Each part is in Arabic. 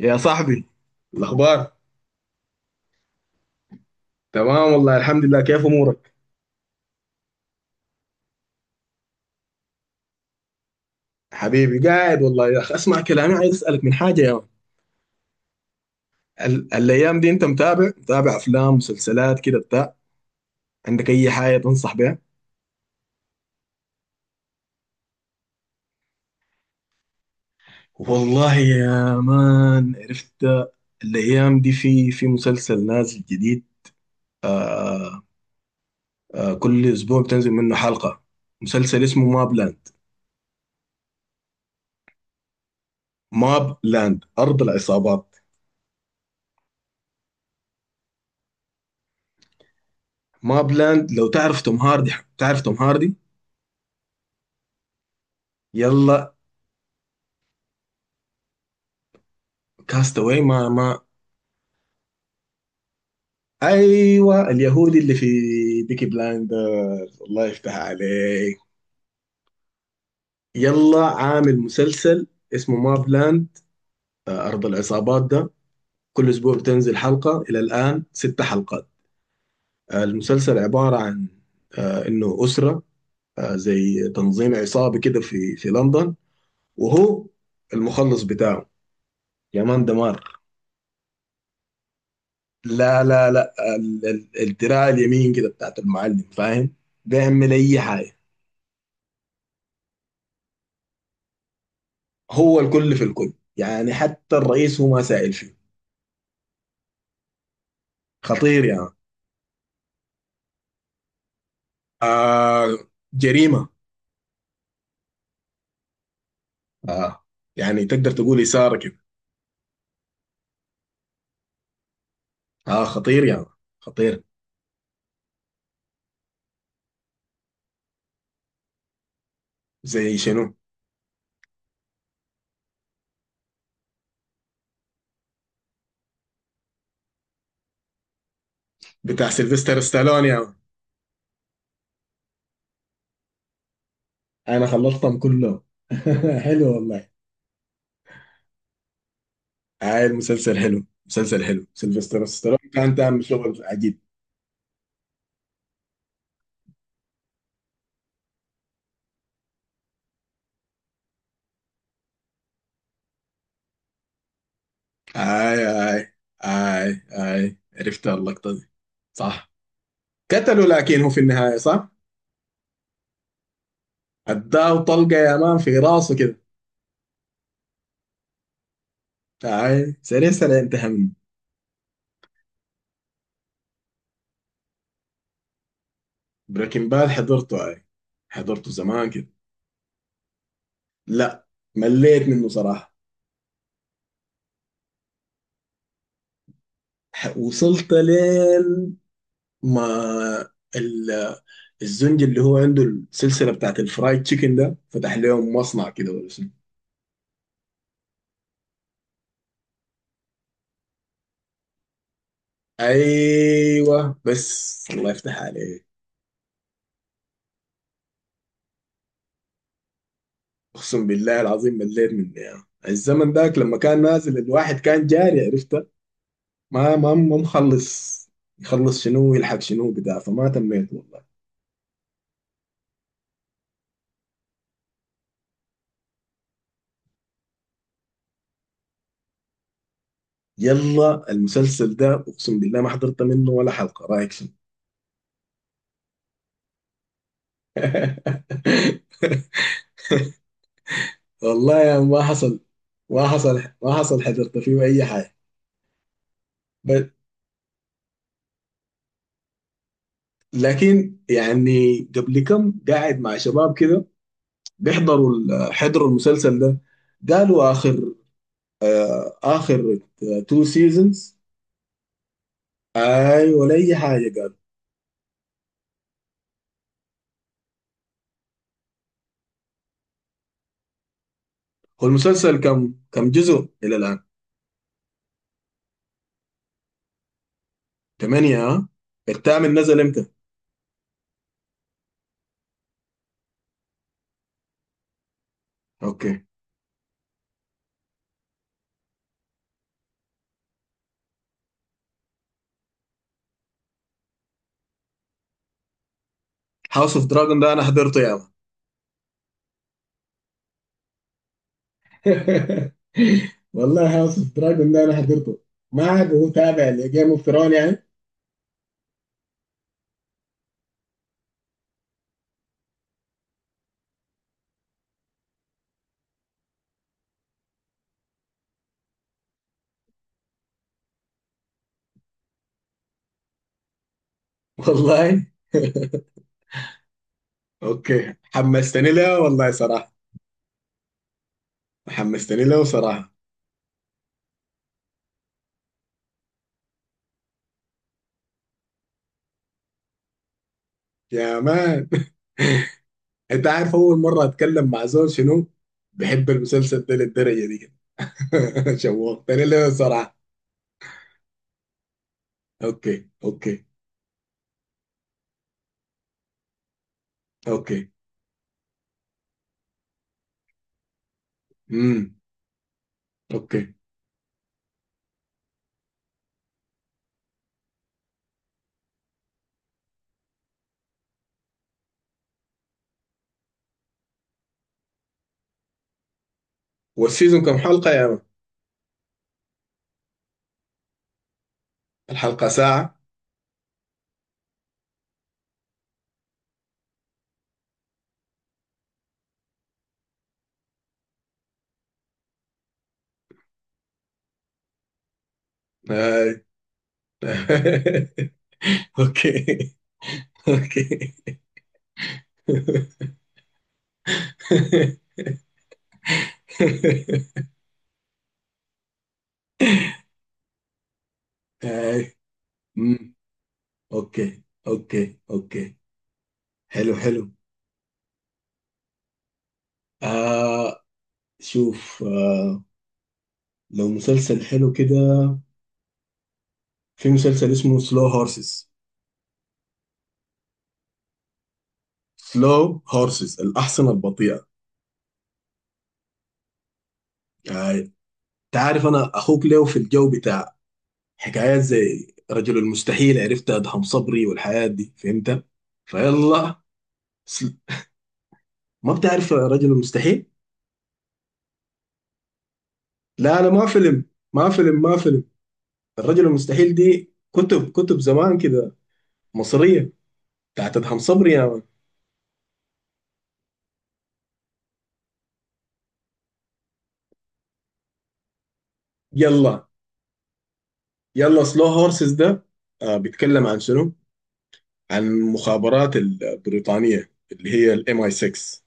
يا صاحبي، الأخبار؟ تمام والله، الحمد لله. كيف أمورك؟ حبيبي قاعد والله يا أخي. أسمع كلامي، عايز أسألك من حاجة يا مان. الأيام دي أنت متابع أفلام مسلسلات كده بتاع؟ عندك أي حاجة تنصح بها؟ والله يا مان عرفت، الأيام دي في مسلسل نازل جديد. آه، كل أسبوع بتنزل منه حلقة. مسلسل اسمه ماب لاند. ماب لاند، أرض العصابات. ماب لاند، لو تعرف توم هاردي؟ تعرف توم هاردي؟ يلا، كاستاوي ما ما ايوه، اليهودي اللي في بيكي بلايندر. الله يفتح عليك. يلا، عامل مسلسل اسمه ماب لاند، ارض العصابات ده. كل اسبوع بتنزل حلقه، الى الان ست حلقات. المسلسل عباره عن انه اسره، زي تنظيم عصابي كده في لندن. وهو المخلص بتاعه، يا مان دمار. لا لا لا، الدراع اليمين كده بتاعت المعلم، فاهم؟ بيعمل اي حاجه. هو الكل في الكل يعني، حتى الرئيس هو ما سائل فيه. خطير يعني. آه، جريمة. آه، يعني تقدر تقول إثارة كده. آه خطير يعني، خطير. زي شنو؟ بتاع سيلفستر ستالون يعني؟ أنا خلصتهم كلهم. حلو والله. آه، المسلسل حلو، مسلسل حلو. سيلفستر ستالون كان تعمل شغل عجيب. آي، آي، آي آي، عرفت اللقطة دي، صح؟ قتلوا، لكن هو في النهاية، صح؟ اداه طلقة يا مان في راسه كده. اي سيريس انا انتهى. بريكنج باد حضرته اي، حضرته زمان كده. لا، مليت منه صراحة. وصلت لين ما ال- الزنج اللي هو عنده السلسلة بتاعت الفرايد تشيكن ده، فتح لهم مصنع كده ولا شنو؟ ايوه بس، الله يفتح عليك. اقسم بالله العظيم مليت منه. يعني الزمن ذاك لما كان نازل الواحد كان جاري عرفته، ما مخلص. يخلص شنو، يلحق شنو بتاع، فما تميت والله. يلا، المسلسل ده اقسم بالله ما حضرت منه ولا حلقه، رايك شنو؟ والله يا ما حصل. ما حصل. ما حصل، حضرت فيه اي حاجه؟ بس لكن يعني قبل كم، قاعد مع شباب كده حضروا المسلسل ده. قالوا اخر، اخر تو سيزونز. اي، ولا اي حاجه قالوا. هو المسلسل كم جزء الى الان؟ ثمانية ها! الثامن نزل امتى؟ اوكي. هاوس اوف دراجون ده انا حضرته يا. والله، هاوس اوف دراجون ده انا حضرته. ما عاد متابع لجيم اوف ثرون يعني. والله. اوكي، حمستني له والله صراحه. حمستني له صراحه. يا مان. انت عارف اول مره اتكلم مع زول شنو بحب المسلسل ده للدرجه دي كده. شوقتني له صراحه. اوكي، اوكي، اوكي. امم. اوكي. والسيزون كم حلقه يا مان؟ الحلقه ساعه؟ هاي. اوكي، اوكي. اي. امم. اوكي، اوكي، اوكي. حلو، حلو. آه شوف، آه، لو مسلسل حلو كده، في مسلسل اسمه سلو هورسز. سلو هورسز، الأحصنة البطيئة. آه. تعرف أنا أخوك ليه في الجو بتاع حكايات زي رجل المستحيل؟ عرفت أدهم صبري والحياة دي، فهمت؟ فيلا. سل... ما بتعرف رجل المستحيل؟ لا لا، ما فيلم، ما فيلم، ما فيلم. الرجل المستحيل دي كتب، زمان كده. مصرية، بتاعت ادهم صبري يا مان. يلا، يلا سلو هورسز ده، آه، بيتكلم عن شنو؟ عن المخابرات البريطانية، اللي هي الام اي 6.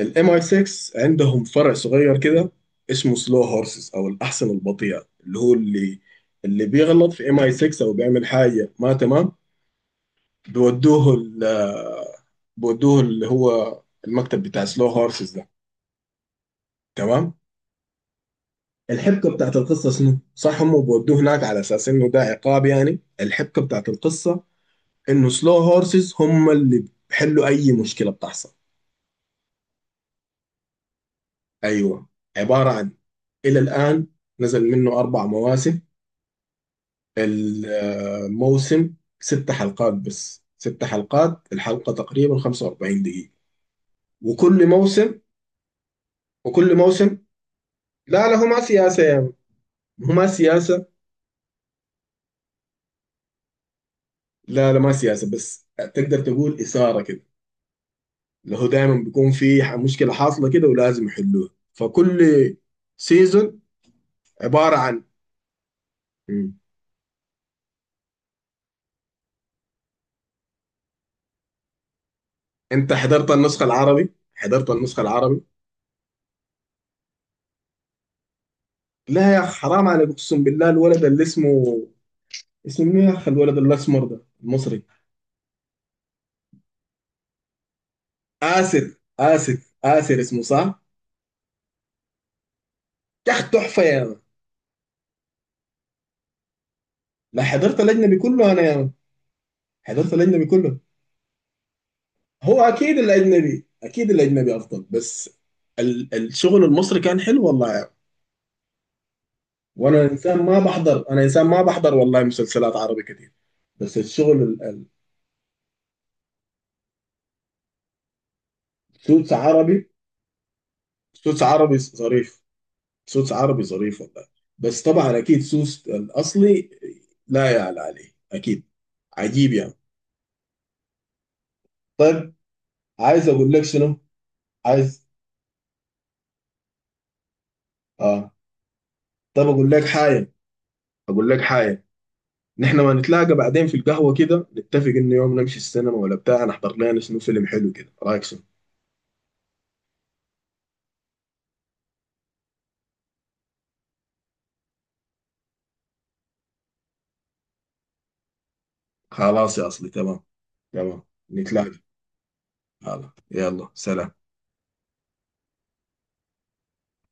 الام اي 6 عندهم فرع صغير كده اسمه سلو هورسز، او الاحصنة البطيئة، اللي هو اللي بيغلط في ام اي 6 او بيعمل حاجة ما تمام، بيودوه بودوه اللي هو المكتب بتاع سلو هورسز ده، تمام؟ الحبكة بتاعت القصة شنو؟ صح، هم بودوه هناك على أساس إنه ده عقاب. يعني الحبكة بتاعت القصة إنه سلو هورسز هم اللي بيحلوا أي مشكلة بتحصل. أيوه، عبارة عن، إلى الآن نزل منه أربع مواسم. الموسم ست حلقات بس، ست حلقات، الحلقة تقريبا 45 دقيقة. وكل موسم، وكل موسم لا لا، هو ما سياسة يا عم. هو ما سياسة. لا لا، ما سياسة، بس تقدر تقول إثارة كده. اللي هو دايما بيكون في مشكلة حاصلة كده ولازم يحلوها. فكل سيزون عبارة عن. مم. انت حضرت النسخة العربي؟ حضرت النسخة العربي؟ لا يا أخ، حرام عليك، أقسم بالله الولد اللي اسمه، اسمه مين يا أخ، الولد الأسمر ده المصري، آسر، آسر، آسر اسمه صح؟ يا أخ تحفة يا مان. لا، حضرت الأجنبي كله أنا يا مان. حضرت الأجنبي كله. هو أكيد الأجنبي، أكيد الأجنبي أفضل، بس الشغل المصري كان حلو والله. وانا انسان ما بحضر انا انسان ما بحضر والله مسلسلات عربي كتير. بس السوتس عربي، سوتس عربي ظريف، سوتس عربي ظريف والله. بس طبعا اكيد سوتس الاصلي لا يعلى عليه، اكيد، عجيب يعني. طيب، عايز اقول لك شنو، عايز. اه. طب اقول لك حاجه، اقول لك حاجه نحن ما نتلاقى بعدين في القهوه كده، نتفق انه يوم نمشي السينما ولا بتاع، نحضر لنا شنو فيلم حلو كده، رايك شنو؟ خلاص يا اصلي، تمام، تمام. نتلاقى. خلاص، يلا سلام.